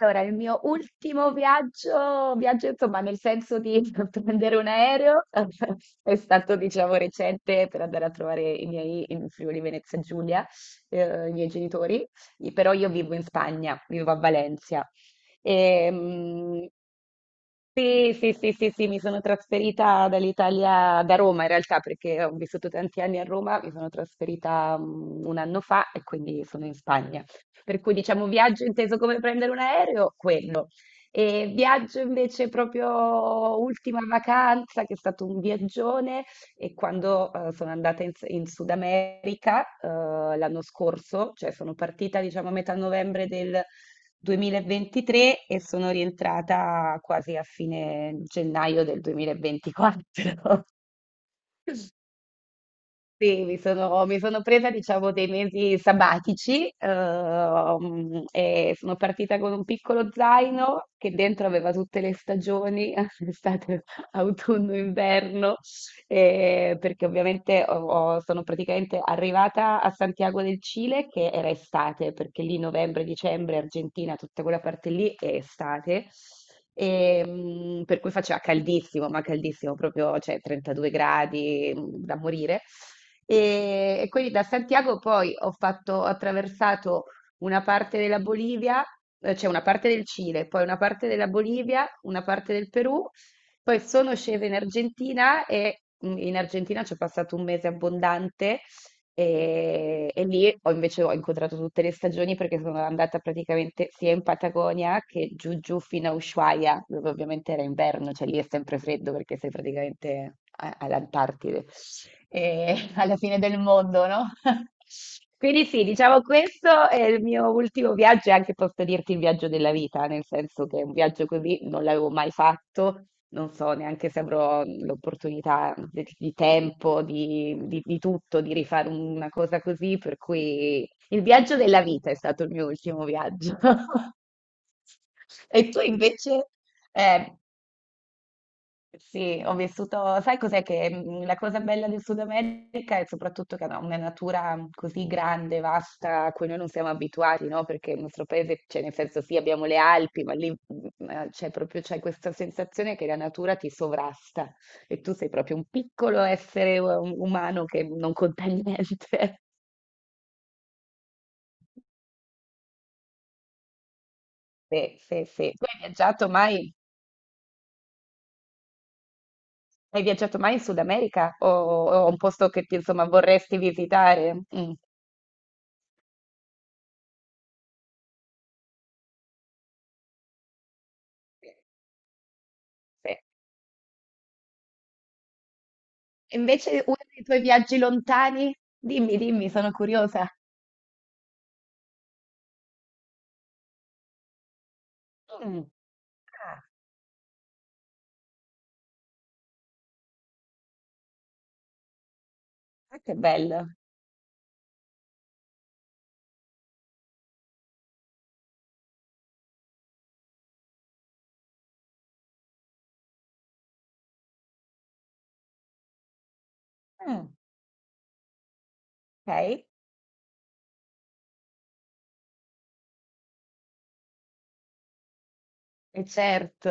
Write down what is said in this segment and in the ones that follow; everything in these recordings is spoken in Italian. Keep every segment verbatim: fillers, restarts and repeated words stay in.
Allora, il mio ultimo viaggio, viaggio insomma nel senso di prendere un aereo, è stato diciamo recente per andare a trovare i miei in Friuli Venezia Giulia, eh, i miei genitori. I- però io vivo in Spagna, vivo a Valencia. Ehm, sì, sì, sì, sì, sì, mi sono trasferita dall'Italia, da Roma in realtà, perché ho vissuto tanti anni a Roma, mi sono trasferita mm, un anno fa e quindi sono in Spagna. Per cui diciamo viaggio inteso come prendere un aereo, quello. E viaggio invece proprio ultima vacanza, che è stato un viaggione, e quando eh, sono andata in, S- in Sud America, eh, l'anno scorso, cioè sono partita diciamo a metà novembre duemilaventitré e sono rientrata quasi a fine gennaio del duemilaventiquattro. Sì, mi sono mi sono presa, diciamo, dei mesi sabbatici, uhm, e sono partita con un piccolo zaino che dentro aveva tutte le stagioni, estate, autunno, inverno, ehm, perché ovviamente ho ho sono praticamente arrivata a Santiago del Cile che era estate, perché lì novembre, dicembre, Argentina, tutta quella parte lì è estate. Ehm, per cui faceva caldissimo, ma caldissimo proprio, cioè trentadue gradi, mhmm, da morire. E, e quindi da Santiago poi ho fatto, ho attraversato una parte della Bolivia, eh, cioè una parte del Cile, poi una parte della Bolivia, una parte del Perù, poi sono scesa in Argentina e mm, in Argentina ci ho passato un mese abbondante. E, e lì ho invece ho incontrato tutte le stagioni perché sono andata praticamente sia in Patagonia che giù giù fino a Ushuaia, dove ovviamente era inverno, cioè lì è sempre freddo perché sei praticamente a- all'Antartide e alla fine del mondo, no? Quindi sì, diciamo questo è il mio ultimo viaggio e anche posso dirti il viaggio della vita, nel senso che un viaggio così non l'avevo mai fatto, non so neanche se avrò l'opportunità di, di tempo, di, di- di tutto, di rifare una cosa così, per cui il viaggio della vita è stato il mio ultimo viaggio. E tu invece, eh, sì, ho vissuto, sai cos'è che mm, la cosa bella del Sud America è soprattutto che ha una natura mhmm, così grande, vasta, a cui noi non siamo abituati, no? Perché il nostro paese, cioè nel senso sì, abbiamo le Alpi, ma lì mm, eh, c'è proprio c'è questa sensazione che la natura ti sovrasta e tu sei proprio un piccolo essere u- umano che non conta niente. Sì, sì, sì. Tu hai viaggiato mai? Hai viaggiato mai in Sud America o, o un posto che ti, insomma, vorresti visitare? Mm. Sì, e invece uno dei tuoi viaggi lontani? Dimmi, dimmi, sono curiosa. Mm. Ah, ah, che bello. Mm, ok. E certo.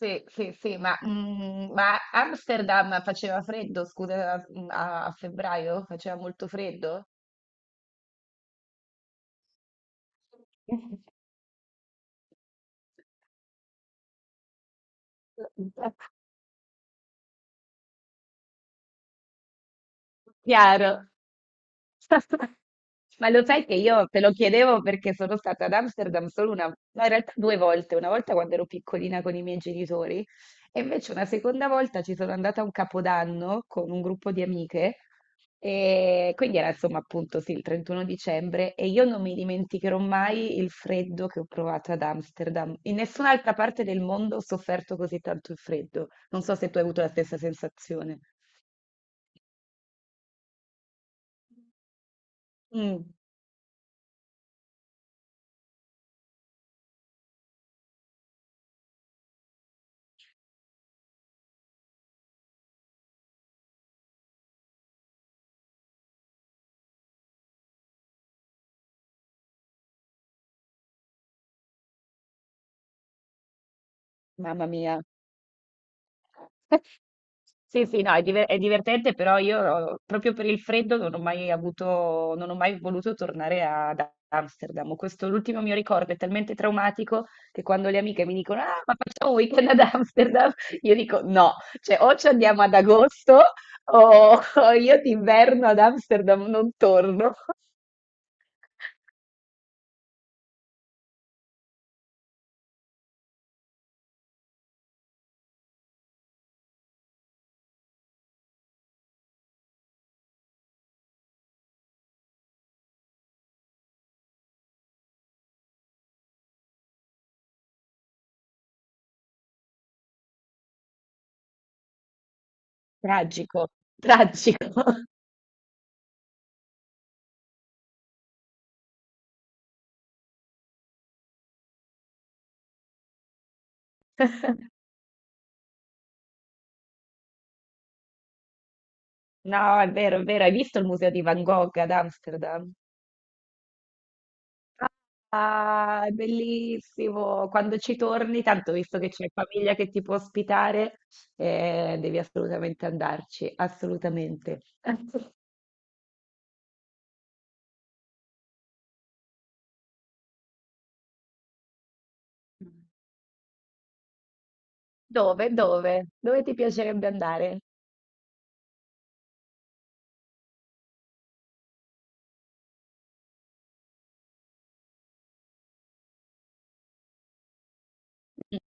Sì, sì, sì, ma, mm, ma Amsterdam faceva freddo, scusa, a, a- a febbraio faceva molto freddo? Chiaro. Ma lo sai che io te lo chiedevo perché sono stata ad Amsterdam solo una, no, in realtà due volte, una volta quando ero piccolina con i miei genitori e invece una seconda volta ci sono andata a un capodanno con un gruppo di amiche e quindi era insomma appunto sì, il trentuno dicembre e io non mi dimenticherò mai il freddo che ho provato ad Amsterdam. In nessun'altra parte del mondo ho sofferto così tanto il freddo. Non so se tu hai avuto la stessa sensazione. Mm, mamma mia. Sì, sì, no, è, diver- è divertente, però io eh, proprio per il freddo non ho mai avuto, non ho mai voluto tornare a- ad Amsterdam. Questo l'ultimo mio ricordo è talmente traumatico che quando le amiche mi dicono, ah, ma facciamo un weekend ad Amsterdam, io dico no, cioè o ci andiamo ad agosto o, o io d'inverno ad Amsterdam non torno. Tragico, tragico. No, è vero, è vero. Hai visto il museo di Van Gogh ad Amsterdam? Ah, è bellissimo. Quando ci torni, tanto visto che c'è famiglia che ti può ospitare, eh, devi assolutamente andarci, assolutamente. Dove? Dove? Dove ti piacerebbe andare? Mm.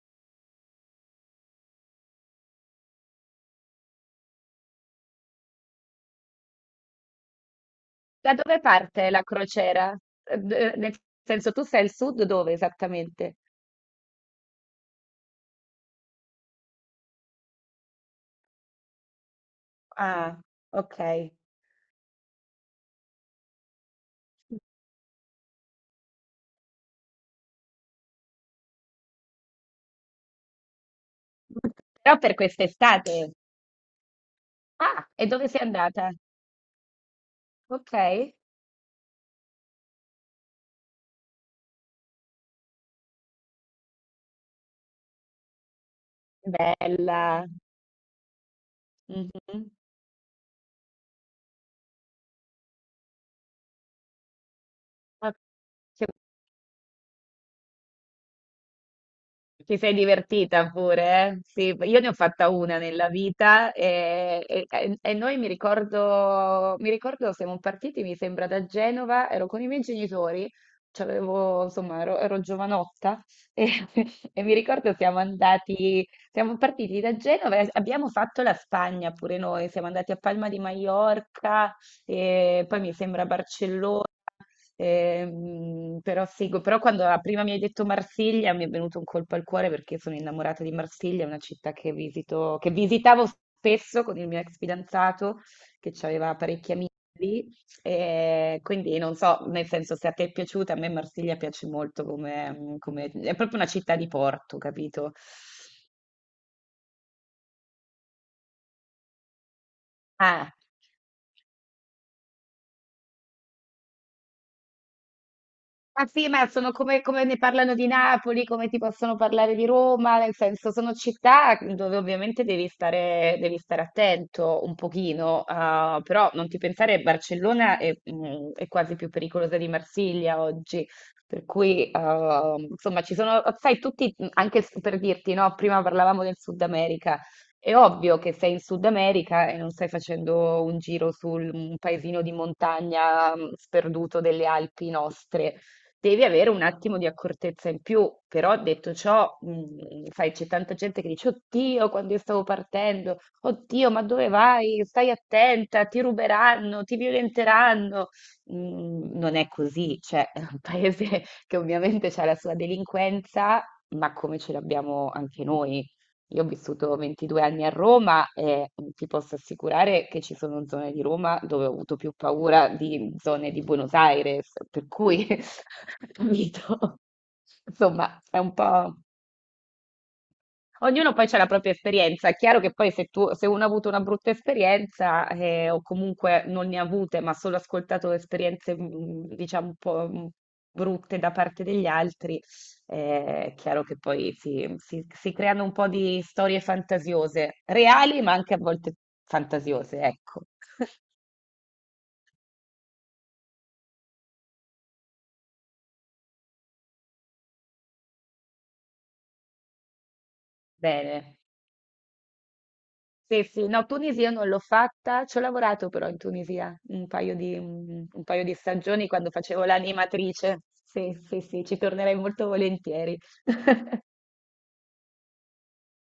Da dove parte la crociera? Eh, d- eh, Nel senso, tu sei al sud, dove esattamente? Ah, ok. Però per quest'estate. Ah, e dove sei andata? Ok, bella. Mhm. Ok. Ti sei divertita pure, eh? Sì, io ne ho fatta una nella vita e, e- e- e noi mi ricordo, mi ricordo siamo partiti, mi sembra, da Genova, ero con i miei genitori, c'avevo, insomma, ero, ero giovanotta e, e mi ricordo siamo andati, siamo partiti da Genova e abbiamo fatto la Spagna pure noi, siamo andati a Palma di Maiorca e poi mi sembra Barcellona. Ehm, però seguo, però quando la prima mi hai detto Marsiglia mi è venuto un colpo al cuore perché sono innamorata di Marsiglia, è una città che visito, che visitavo spesso con il mio ex fidanzato che aveva parecchi amici lì, e quindi non so, nel senso se a te è piaciuta, a me Marsiglia piace molto come, come- è proprio una città di porto, capito? Ah. Ma sì, ma sono come, come ne parlano di Napoli, come ti possono parlare di Roma, nel senso sono città dove ovviamente devi stare, devi stare attento un pochino, ah, però non ti pensare, Barcellona è, mm, è quasi più pericolosa di Marsiglia oggi, per cui ah, insomma ci sono, sai, tutti, mm, anche s- per dirti, no, prima parlavamo del Sud America, è ovvio che sei in Sud America e non stai facendo un giro su un paesino di montagna mm, sperduto delle Alpi nostre devi avere un attimo di accortezza in più. Però detto ciò, mh, sai, c'è tanta gente che dice, Oddio, quando io stavo partendo, oddio, ma dove vai? Stai attenta, ti ruberanno, ti violenteranno. Mm, non è così, cioè, è un paese che ovviamente ha la sua delinquenza, ma come ce l'abbiamo anche noi. Io ho vissuto ventidue anni a Roma e mhmm, ti posso assicurare che ci sono zone di Roma dove ho avuto più paura di zone di Buenos Aires, per cui capito? Insomma, è un po'. Ognuno poi ha la propria esperienza. È chiaro che poi se, tu, se uno ha avuto una brutta esperienza eh, o comunque non ne ha avute, ma solo ascoltato esperienze, mm, diciamo, un po' mm, brutte da parte degli altri, eh, è chiaro che poi si, si- si creano un po' di storie fantasiose, reali, ma anche a volte fantasiose, ecco. Bene. Sì, sì, no, Tunisia non l'ho fatta, ci ho lavorato però in Tunisia un paio di, un- un paio di stagioni quando facevo l'animatrice. Sì, sì, sì, ci tornerei molto volentieri.